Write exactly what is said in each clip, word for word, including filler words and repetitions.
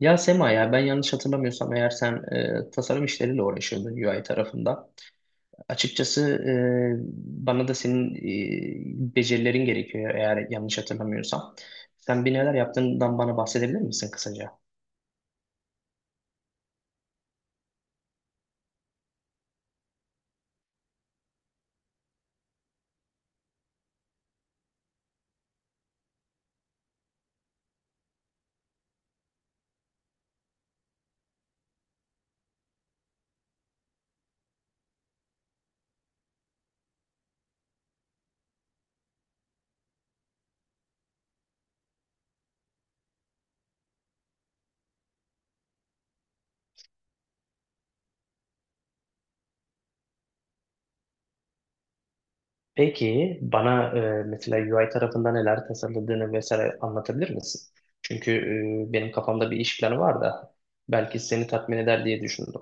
Ya Sema ya ben yanlış hatırlamıyorsam eğer sen e, tasarım işleriyle uğraşıyordun U I tarafında. Açıkçası e, bana da senin e, becerilerin gerekiyor eğer yanlış hatırlamıyorsam. Sen bir neler yaptığından bana bahsedebilir misin kısaca? Peki bana e, mesela U I tarafında neler tasarladığını vesaire anlatabilir misin? Çünkü e, benim kafamda bir iş planı var da belki seni tatmin eder diye düşündüm.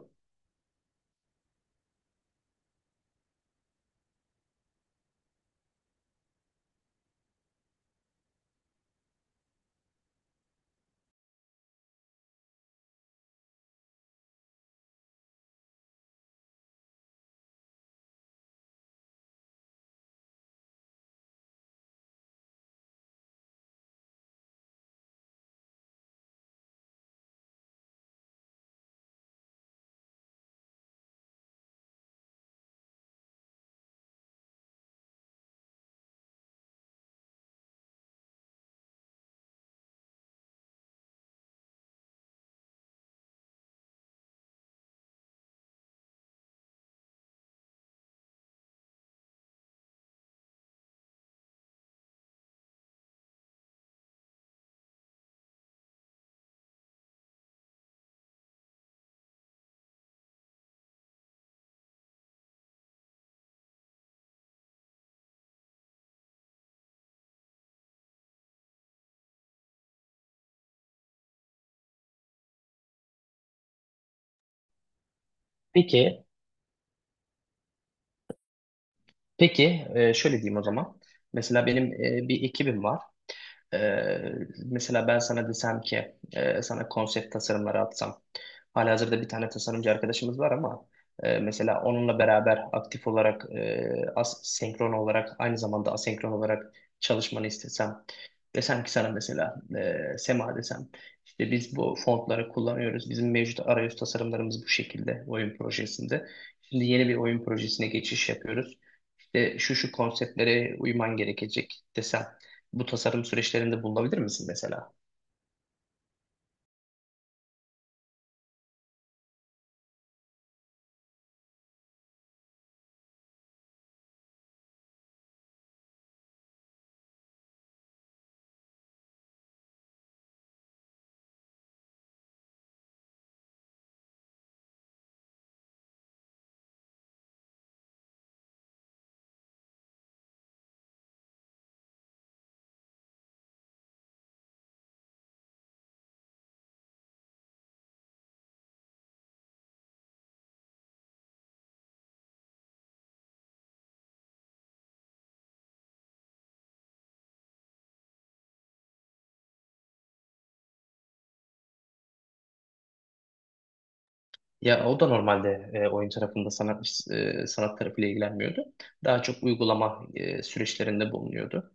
Peki, peki e, şöyle diyeyim o zaman. Mesela benim e, bir ekibim var. Ee, Mesela ben sana desem ki e, sana konsept tasarımları atsam. Halihazırda bir tane tasarımcı arkadaşımız var ama e, mesela onunla beraber aktif olarak e, as senkron olarak aynı zamanda asenkron olarak çalışmanı istesem. Desem ki sana mesela e, Sema desem işte biz bu fontları kullanıyoruz. Bizim mevcut arayüz tasarımlarımız bu şekilde oyun projesinde. Şimdi yeni bir oyun projesine geçiş yapıyoruz. İşte şu şu konseptlere uyman gerekecek desem bu tasarım süreçlerinde bulunabilir misin mesela? Ya o da normalde e, oyun tarafında sanat e, sanat tarafıyla ilgilenmiyordu. Daha çok uygulama e, süreçlerinde bulunuyordu.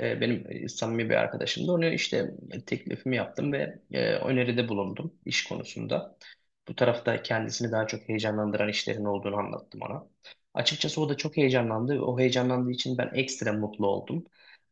E, benim e, samimi bir arkadaşım da onu işte e, teklifimi yaptım ve e, öneride bulundum iş konusunda. Bu tarafta kendisini daha çok heyecanlandıran işlerin olduğunu anlattım ona. Açıkçası o da çok heyecanlandı. O heyecanlandığı için ben ekstra mutlu oldum.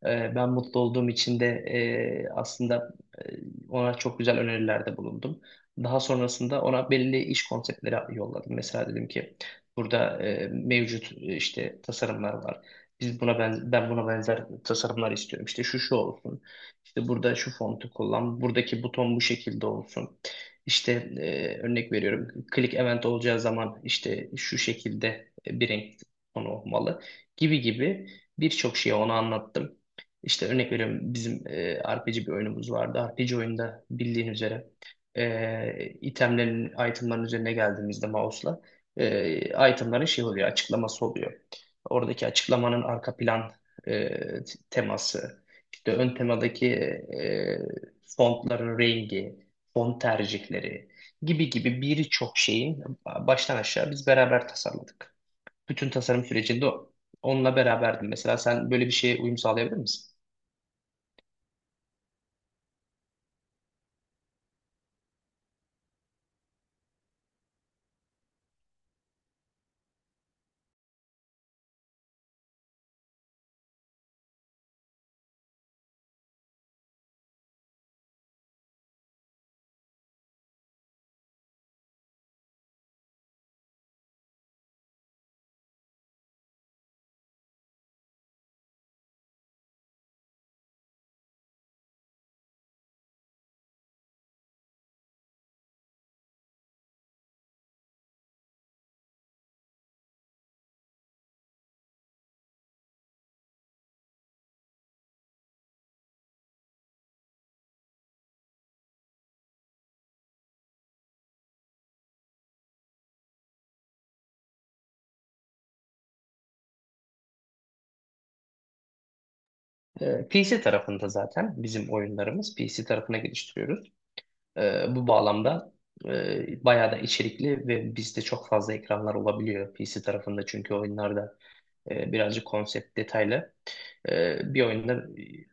E, Ben mutlu olduğum için de e, aslında e, ona çok güzel önerilerde bulundum. Daha sonrasında ona belli iş konseptleri yolladım. Mesela dedim ki burada e, mevcut e, işte tasarımlar var. Biz buna ben, ben buna benzer tasarımlar istiyorum. İşte şu şu olsun. İşte burada şu fontu kullan. Buradaki buton bu şekilde olsun. İşte e, örnek veriyorum. Click event olacağı zaman işte şu şekilde bir renk tonu olmalı gibi gibi birçok şeyi ona anlattım. İşte örnek veriyorum bizim e, R P G bir oyunumuz vardı. R P G oyunda bildiğin üzere e, itemlerin, itemların üzerine geldiğimizde mouse'la e, itemların şey oluyor, açıklaması oluyor. Oradaki açıklamanın arka plan e, t- teması, işte ön temadaki e, fontların rengi, font tercihleri gibi gibi birçok şeyin baştan aşağı biz beraber tasarladık. Bütün tasarım sürecinde o- onunla beraberdim. Mesela sen böyle bir şeye uyum sağlayabilir misin? E, P C tarafında zaten bizim oyunlarımız P C tarafına geliştiriyoruz. Ee, bu bağlamda e, bayağı da içerikli ve bizde çok fazla ekranlar olabiliyor P C tarafında çünkü oyunlarda e, birazcık konsept detaylı. Ee, bir oyunda e,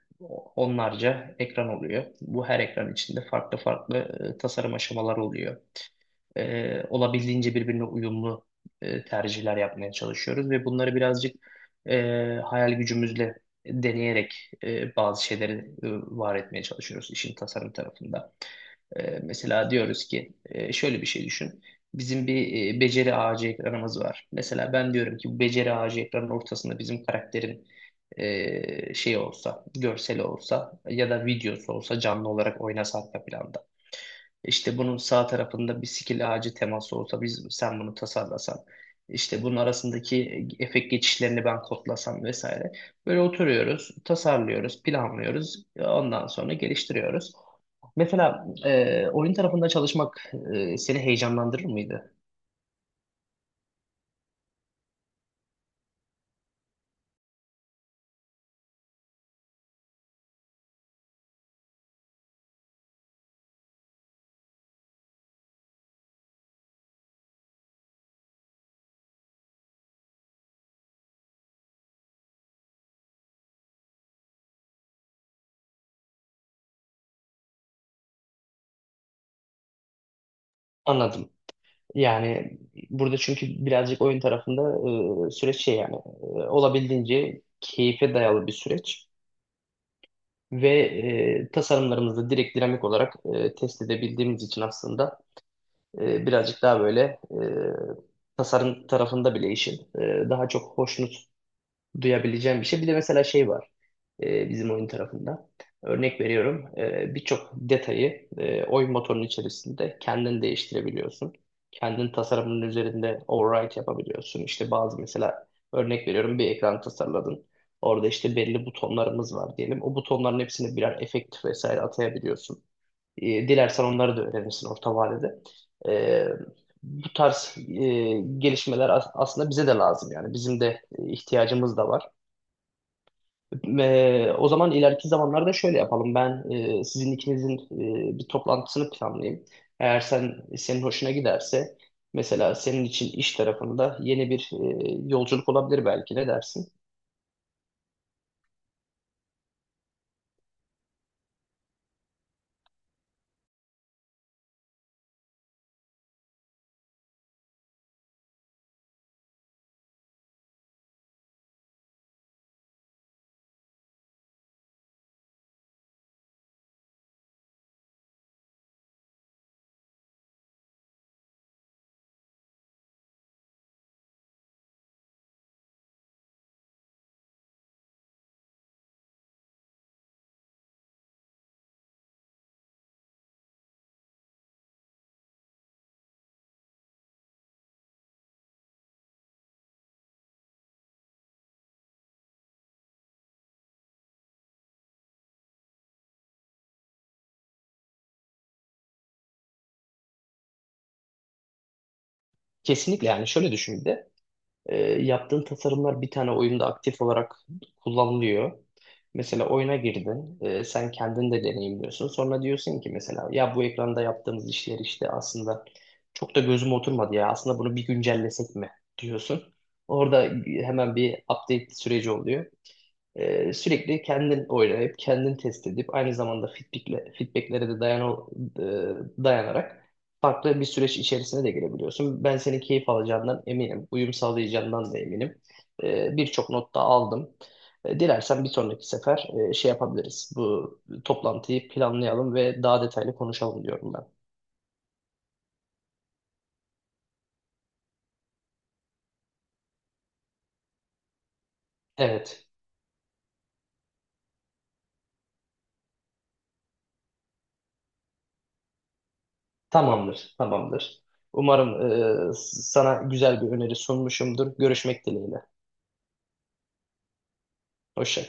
onlarca ekran oluyor. Bu her ekran içinde farklı farklı e, tasarım aşamaları oluyor. Ee, olabildiğince birbirine uyumlu e, tercihler yapmaya çalışıyoruz ve bunları birazcık e, hayal gücümüzle deneyerek e, bazı şeyleri e, var etmeye çalışıyoruz işin tasarım tarafında. Ee, mesela diyoruz ki e, şöyle bir şey düşün. Bizim bir e, beceri ağacı ekranımız var. Mesela ben diyorum ki bu beceri ağacı ekranın ortasında bizim karakterin e, şey olsa, görseli olsa ya da videosu olsa canlı olarak oynasa arka planda. İşte bunun sağ tarafında bir skill ağacı teması olsa biz sen bunu tasarlasan. İşte bunun arasındaki efekt geçişlerini ben kodlasam vesaire. Böyle oturuyoruz, tasarlıyoruz, planlıyoruz. Ondan sonra geliştiriyoruz. Mesela e, oyun tarafında çalışmak e, seni heyecanlandırır mıydı? Anladım. Yani burada çünkü birazcık oyun tarafında e, süreç şey yani e, olabildiğince keyfe dayalı bir süreç ve e, tasarımlarımızı direkt dinamik olarak e, test edebildiğimiz için aslında e, birazcık daha böyle e, tasarım tarafında bile işin e, daha çok hoşnut duyabileceğim bir şey. Bir de mesela şey var e, bizim oyun tarafında. Örnek veriyorum e, birçok detayı e, oyun motorunun içerisinde kendin değiştirebiliyorsun. Kendin tasarımının üzerinde override yapabiliyorsun. İşte bazı mesela örnek veriyorum bir ekran tasarladın. Orada işte belli butonlarımız var diyelim. O butonların hepsini birer efekt vesaire atayabiliyorsun. E, dilersen onları da öğrenirsin orta vadede. E, Bu tarz e, gelişmeler as- aslında bize de lazım yani. Bizim de e, ihtiyacımız da var. Ve o zaman ileriki zamanlarda şöyle yapalım. Ben e, sizin ikinizin e, bir toplantısını planlayayım. Eğer sen senin hoşuna giderse mesela senin için iş tarafında yeni bir e, yolculuk olabilir belki, ne dersin? Kesinlikle yani şöyle düşün bir de. E, yaptığın tasarımlar bir tane oyunda aktif olarak kullanılıyor. Mesela oyuna girdin, e, sen kendin de deneyimliyorsun. Sonra diyorsun ki mesela ya bu ekranda yaptığımız işler işte aslında çok da gözüme oturmadı ya. Aslında bunu bir güncellesek mi diyorsun. Orada hemen bir update süreci oluyor. Ee, sürekli kendin oynayıp, kendin test edip, aynı zamanda feedback'le, feedback'lere de dayan, e, dayanarak farklı bir süreç içerisine de girebiliyorsun. Ben senin keyif alacağından eminim. Uyum sağlayacağından da eminim. Ee, birçok not da aldım. Ee, dilersen bir sonraki sefer e, şey yapabiliriz. Bu toplantıyı planlayalım ve daha detaylı konuşalım diyorum ben. Evet, tamamdır, tamamdır. Umarım e, sana güzel bir öneri sunmuşumdur. Görüşmek dileğiyle. Hoşça